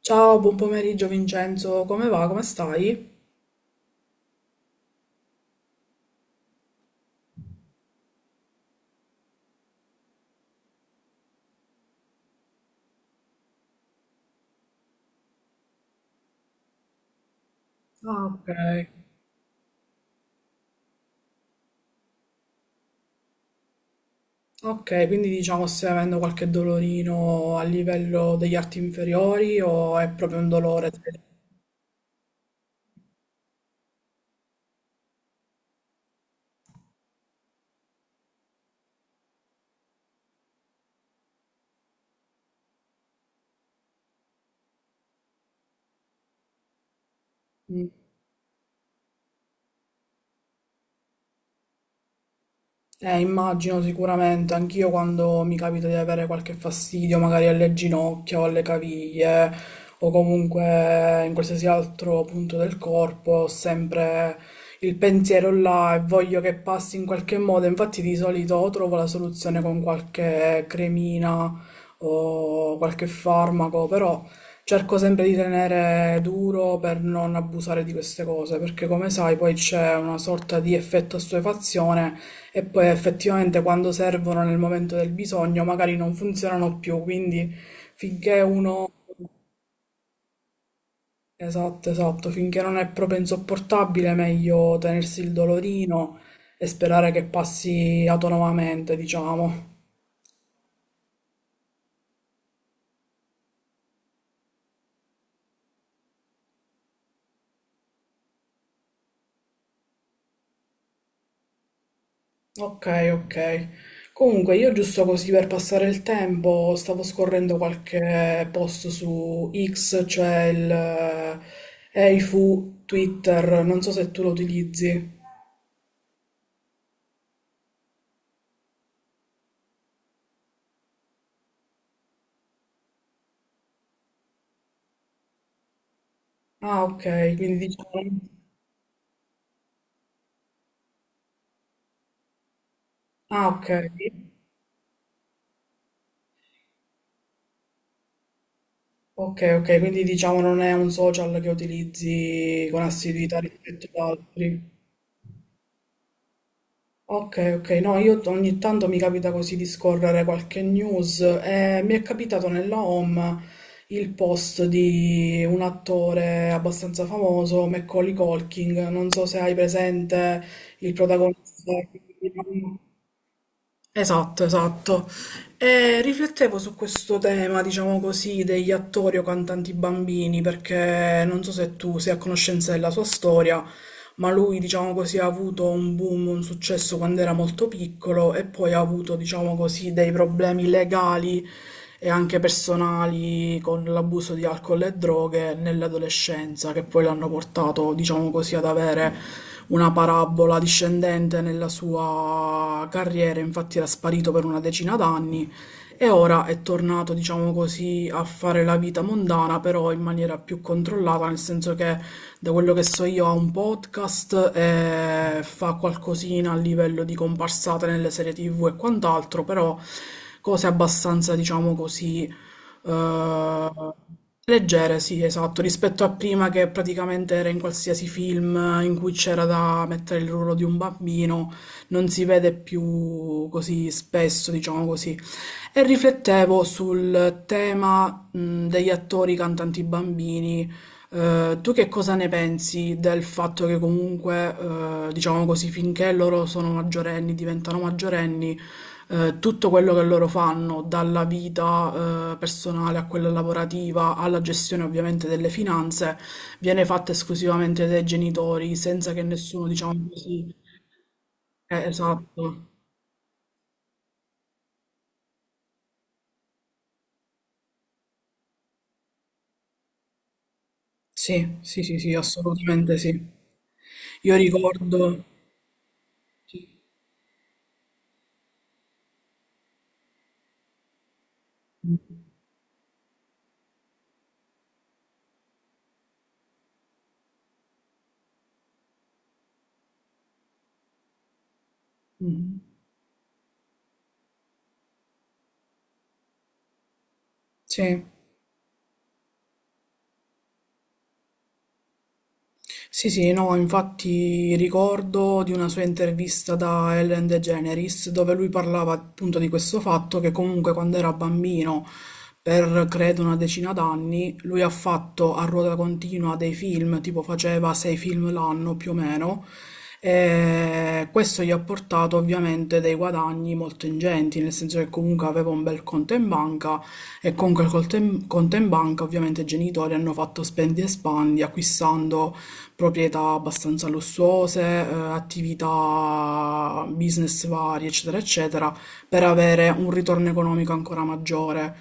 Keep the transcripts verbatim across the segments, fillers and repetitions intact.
Ciao, buon pomeriggio Vincenzo, come va? Come stai? Ah, ok. Ok, quindi diciamo stai avendo qualche dolorino a livello degli arti inferiori o è proprio un dolore? Eh, immagino sicuramente, anch'io quando mi capita di avere qualche fastidio, magari alle ginocchia o alle caviglie, o comunque in qualsiasi altro punto del corpo, ho sempre il pensiero là e voglio che passi in qualche modo. Infatti, di solito o trovo la soluzione con qualche cremina o qualche farmaco, però cerco sempre di tenere duro per non abusare di queste cose, perché come sai, poi c'è una sorta di effetto assuefazione e poi effettivamente quando servono nel momento del bisogno magari non funzionano più, quindi finché uno... Esatto, esatto, finché non è proprio insopportabile, meglio tenersi il dolorino e sperare che passi autonomamente, diciamo. Ok, ok. Comunque, io giusto così per passare il tempo stavo scorrendo qualche post su X, cioè il eh, Eifu Twitter, non so se tu lo utilizzi. Ah, ok, quindi diciamo... Ah, ok. Ok, ok, quindi diciamo non è un social che utilizzi con assiduità rispetto ad altri. Ok, ok, no, io t- ogni tanto mi capita così di scorrere qualche news e mi è capitato nella home il post di un attore abbastanza famoso, Macaulay Culkin, non so se hai presente il protagonista. Esatto, esatto. E riflettevo su questo tema, diciamo così, degli attori o cantanti bambini, perché non so se tu sei a conoscenza della sua storia, ma lui diciamo così ha avuto un boom, un successo quando era molto piccolo e poi ha avuto diciamo così dei problemi legali e anche personali con l'abuso di alcol e droghe nell'adolescenza che poi l'hanno portato diciamo così ad avere una parabola discendente nella sua carriera, infatti era sparito per una decina d'anni e ora è tornato, diciamo così, a fare la vita mondana, però in maniera più controllata, nel senso che da quello che so io ha un podcast e fa qualcosina a livello di comparsate nelle serie ti vu e quant'altro, però cose abbastanza, diciamo così, eh, leggere, sì, esatto, rispetto a prima che praticamente era in qualsiasi film in cui c'era da mettere il ruolo di un bambino, non si vede più così spesso, diciamo così. E riflettevo sul tema, mh, degli attori cantanti bambini. Eh, tu che cosa ne pensi del fatto che comunque, eh, diciamo così, finché loro sono maggiorenni, diventano maggiorenni, eh, tutto quello che loro fanno, dalla vita, eh, personale a quella lavorativa, alla gestione ovviamente delle finanze, viene fatta esclusivamente dai genitori, senza che nessuno, diciamo così... Eh, esatto. Sì, sì, sì, sì, assolutamente sì. Io ricordo sì, mh-mh, sì. Sì, sì, no, infatti ricordo di una sua intervista da Ellen DeGeneres dove lui parlava appunto di questo fatto che comunque quando era bambino, per credo una decina d'anni, lui ha fatto a ruota continua dei film, tipo faceva sei film l'anno più o meno, e questo gli ha portato ovviamente dei guadagni molto ingenti, nel senso che comunque aveva un bel conto in banca e con quel conto in conto in banca ovviamente i genitori hanno fatto spendi e spandi acquistando proprietà abbastanza lussuose, eh, attività, business vari, eccetera, eccetera, per avere un ritorno economico ancora maggiore.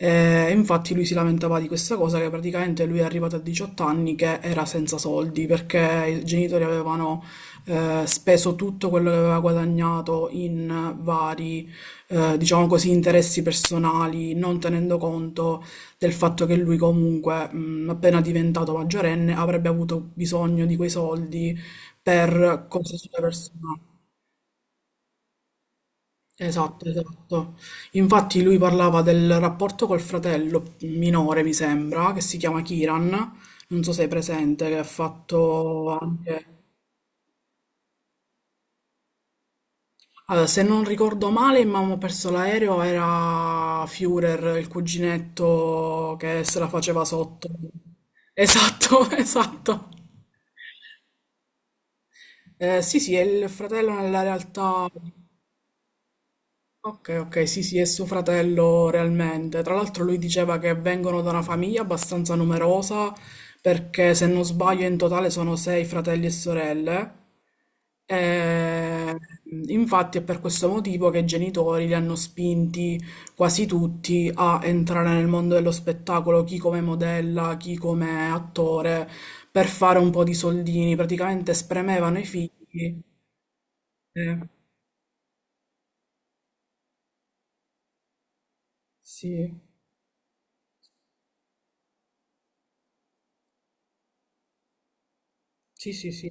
Eh, infatti lui si lamentava di questa cosa che praticamente lui è arrivato a diciotto anni che era senza soldi perché i genitori avevano eh, speso tutto quello che aveva guadagnato in vari, eh, diciamo così, interessi personali, non tenendo conto del fatto che lui comunque, mhmm, appena diventato maggiorenne, avrebbe avuto bisogno di quei soldi per cose sue personali. Esatto, esatto. Infatti lui parlava del rapporto col fratello minore, mi sembra, che si chiama Kiran, non so se hai presente, che ha fatto anche... Allora, se non ricordo male, Mamma ha perso l'aereo, era Führer, il cuginetto che se la faceva sotto. Esatto, esatto. Eh, sì, sì, è il fratello nella realtà. Ok, ok, sì, sì, è suo fratello realmente. Tra l'altro lui diceva che vengono da una famiglia abbastanza numerosa, perché se non sbaglio in totale sono sei fratelli e sorelle. Eh, infatti è per questo motivo che i genitori li hanno spinti quasi tutti a entrare nel mondo dello spettacolo, chi come modella, chi come attore, per fare un po' di soldini. Praticamente spremevano i figli. Eh, Sì, sì, sì, sì.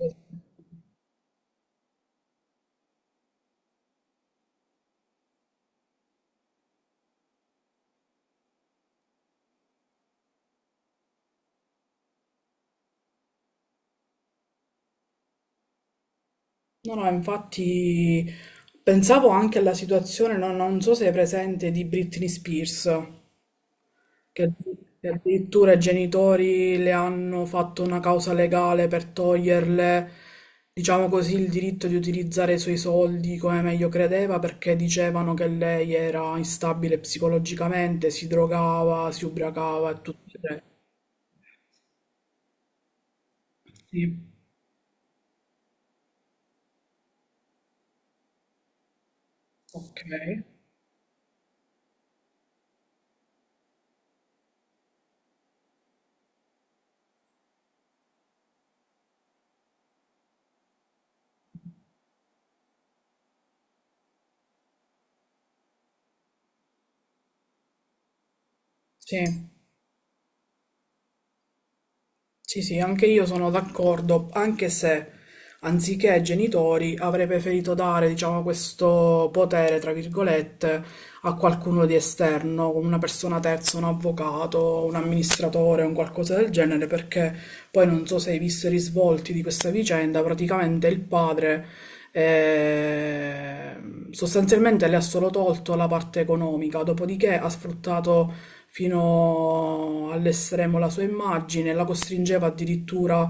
No, no, infatti pensavo anche alla situazione, no- non so se è presente, di Britney Spears, che, che addirittura i genitori le hanno fatto una causa legale per toglierle, diciamo così, il diritto di utilizzare i suoi soldi come meglio credeva, perché dicevano che lei era instabile psicologicamente, si drogava, si ubriacava e tutto il resto. Sì, ok. Sì. Sì, sì, anche io sono d'accordo, anche se anziché ai genitori avrei preferito dare, diciamo, questo potere, tra virgolette, a qualcuno di esterno, come una persona terza, un avvocato, un amministratore, un qualcosa del genere, perché poi non so se hai visto i risvolti di questa vicenda, praticamente il padre eh, sostanzialmente le ha solo tolto la parte economica, dopodiché ha sfruttato fino all'estremo la sua immagine, la costringeva addirittura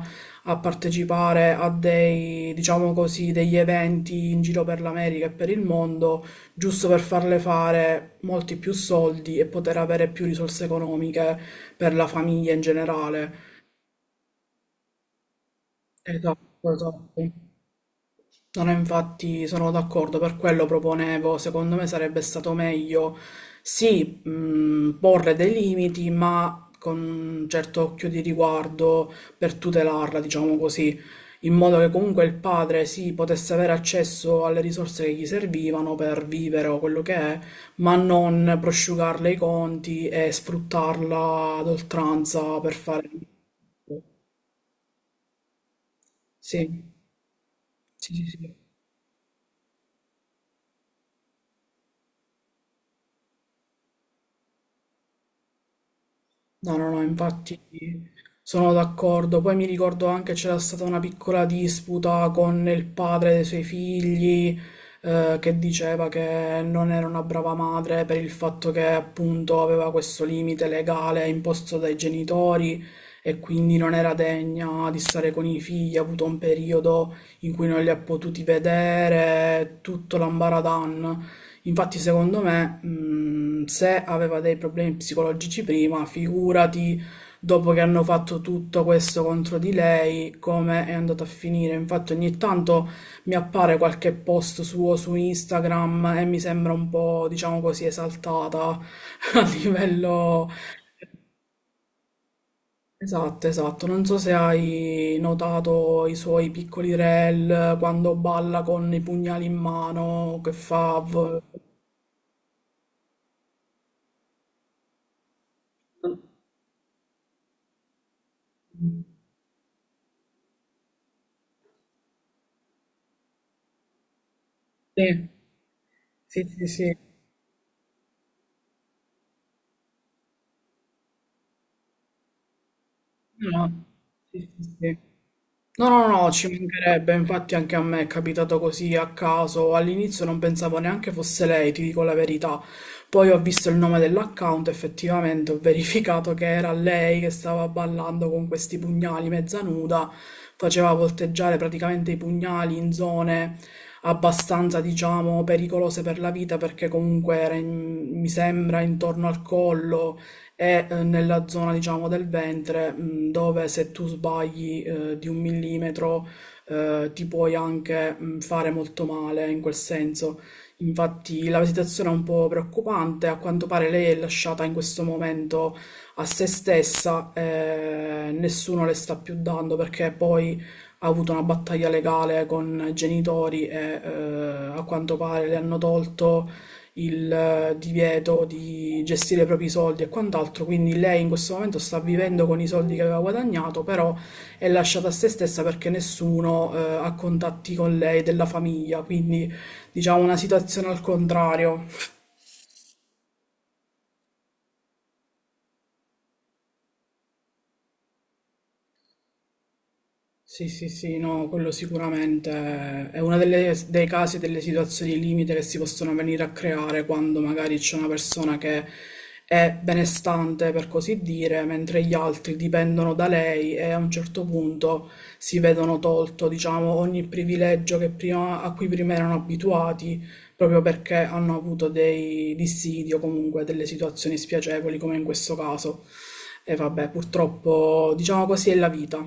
a partecipare a dei, diciamo così, degli eventi in giro per l'America e per il mondo giusto per farle fare molti più soldi e poter avere più risorse economiche per la famiglia in generale. Esatto, esatto. No, no, infatti sono d'accordo, per quello proponevo, secondo me sarebbe stato meglio sì, mh, porre dei limiti, ma con un certo occhio di riguardo per tutelarla, diciamo così, in modo che comunque il padre sì, potesse avere accesso alle risorse che gli servivano per vivere o quello che è, ma non prosciugarle i conti e sfruttarla ad oltranza per fare... Sì, sì, sì, sì. No, no, no, infatti sono d'accordo. Poi mi ricordo anche c'era stata una piccola disputa con il padre dei suoi figli, eh, che diceva che non era una brava madre per il fatto che appunto aveva questo limite legale imposto dai genitori e quindi non era degna di stare con i figli, ha avuto un periodo in cui non li ha potuti vedere, tutto l'ambaradan. Infatti, secondo me, mh, se aveva dei problemi psicologici prima, figurati dopo che hanno fatto tutto questo contro di lei, come è andato a finire. Infatti, ogni tanto mi appare qualche post suo su Instagram e mi sembra un po', diciamo così, esaltata a livello... Esatto, esatto. Non so se hai notato i suoi piccoli reel quando balla con i pugnali in mano, che fa... v- Sì. Sì, sì, sì. No, sì, sì, sì. No, no, no, ci mancherebbe, infatti anche a me è capitato così a caso, all'inizio non pensavo neanche fosse lei, ti dico la verità, poi ho visto il nome dell'account, effettivamente ho verificato che era lei che stava ballando con questi pugnali mezza nuda, faceva volteggiare praticamente i pugnali in zone abbastanza, diciamo, pericolose per la vita perché comunque era in- mi sembra intorno al collo è eh, nella zona, diciamo, del ventre, mh, dove se tu sbagli eh, di un millimetro eh, ti puoi anche mh, fare molto male in quel senso. Infatti la situazione è un po' preoccupante, a quanto pare lei è lasciata in questo momento a se stessa, eh, nessuno le sta più dando perché poi ha avuto una battaglia legale con i genitori e eh, a quanto pare le hanno tolto il eh, divieto di gestire i propri soldi e quant'altro, quindi lei in questo momento sta vivendo con i soldi che aveva guadagnato, però è lasciata a se stessa perché nessuno eh, ha contatti con lei della famiglia, quindi diciamo una situazione al contrario. Sì, sì, sì, no, quello sicuramente è uno delle- dei casi, delle situazioni limite che si possono venire a creare quando magari c'è una persona che è benestante, per così dire, mentre gli altri dipendono da lei e a un certo punto si vedono tolto, diciamo, ogni privilegio che prima- a cui prima erano abituati, proprio perché hanno avuto dei dissidi o comunque delle situazioni spiacevoli, come in questo caso. E vabbè, purtroppo, diciamo così, è la vita.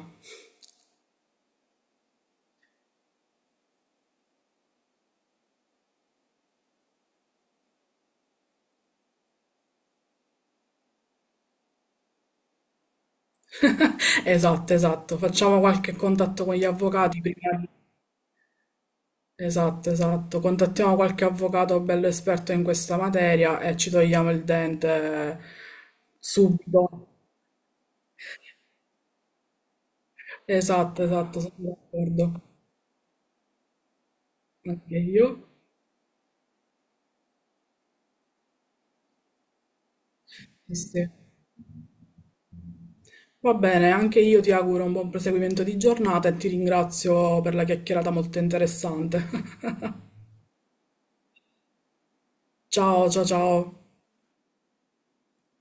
Esatto, esatto. Facciamo qualche contatto con gli avvocati prima. Esatto, esatto. Contattiamo qualche avvocato bello esperto in questa materia e ci togliamo il dente subito. Esatto, esatto, sono d'accordo. Anche io. Sì, sì. Va bene, anche io ti auguro un buon proseguimento di giornata e ti ringrazio per la chiacchierata molto interessante. Ciao, ciao, ciao.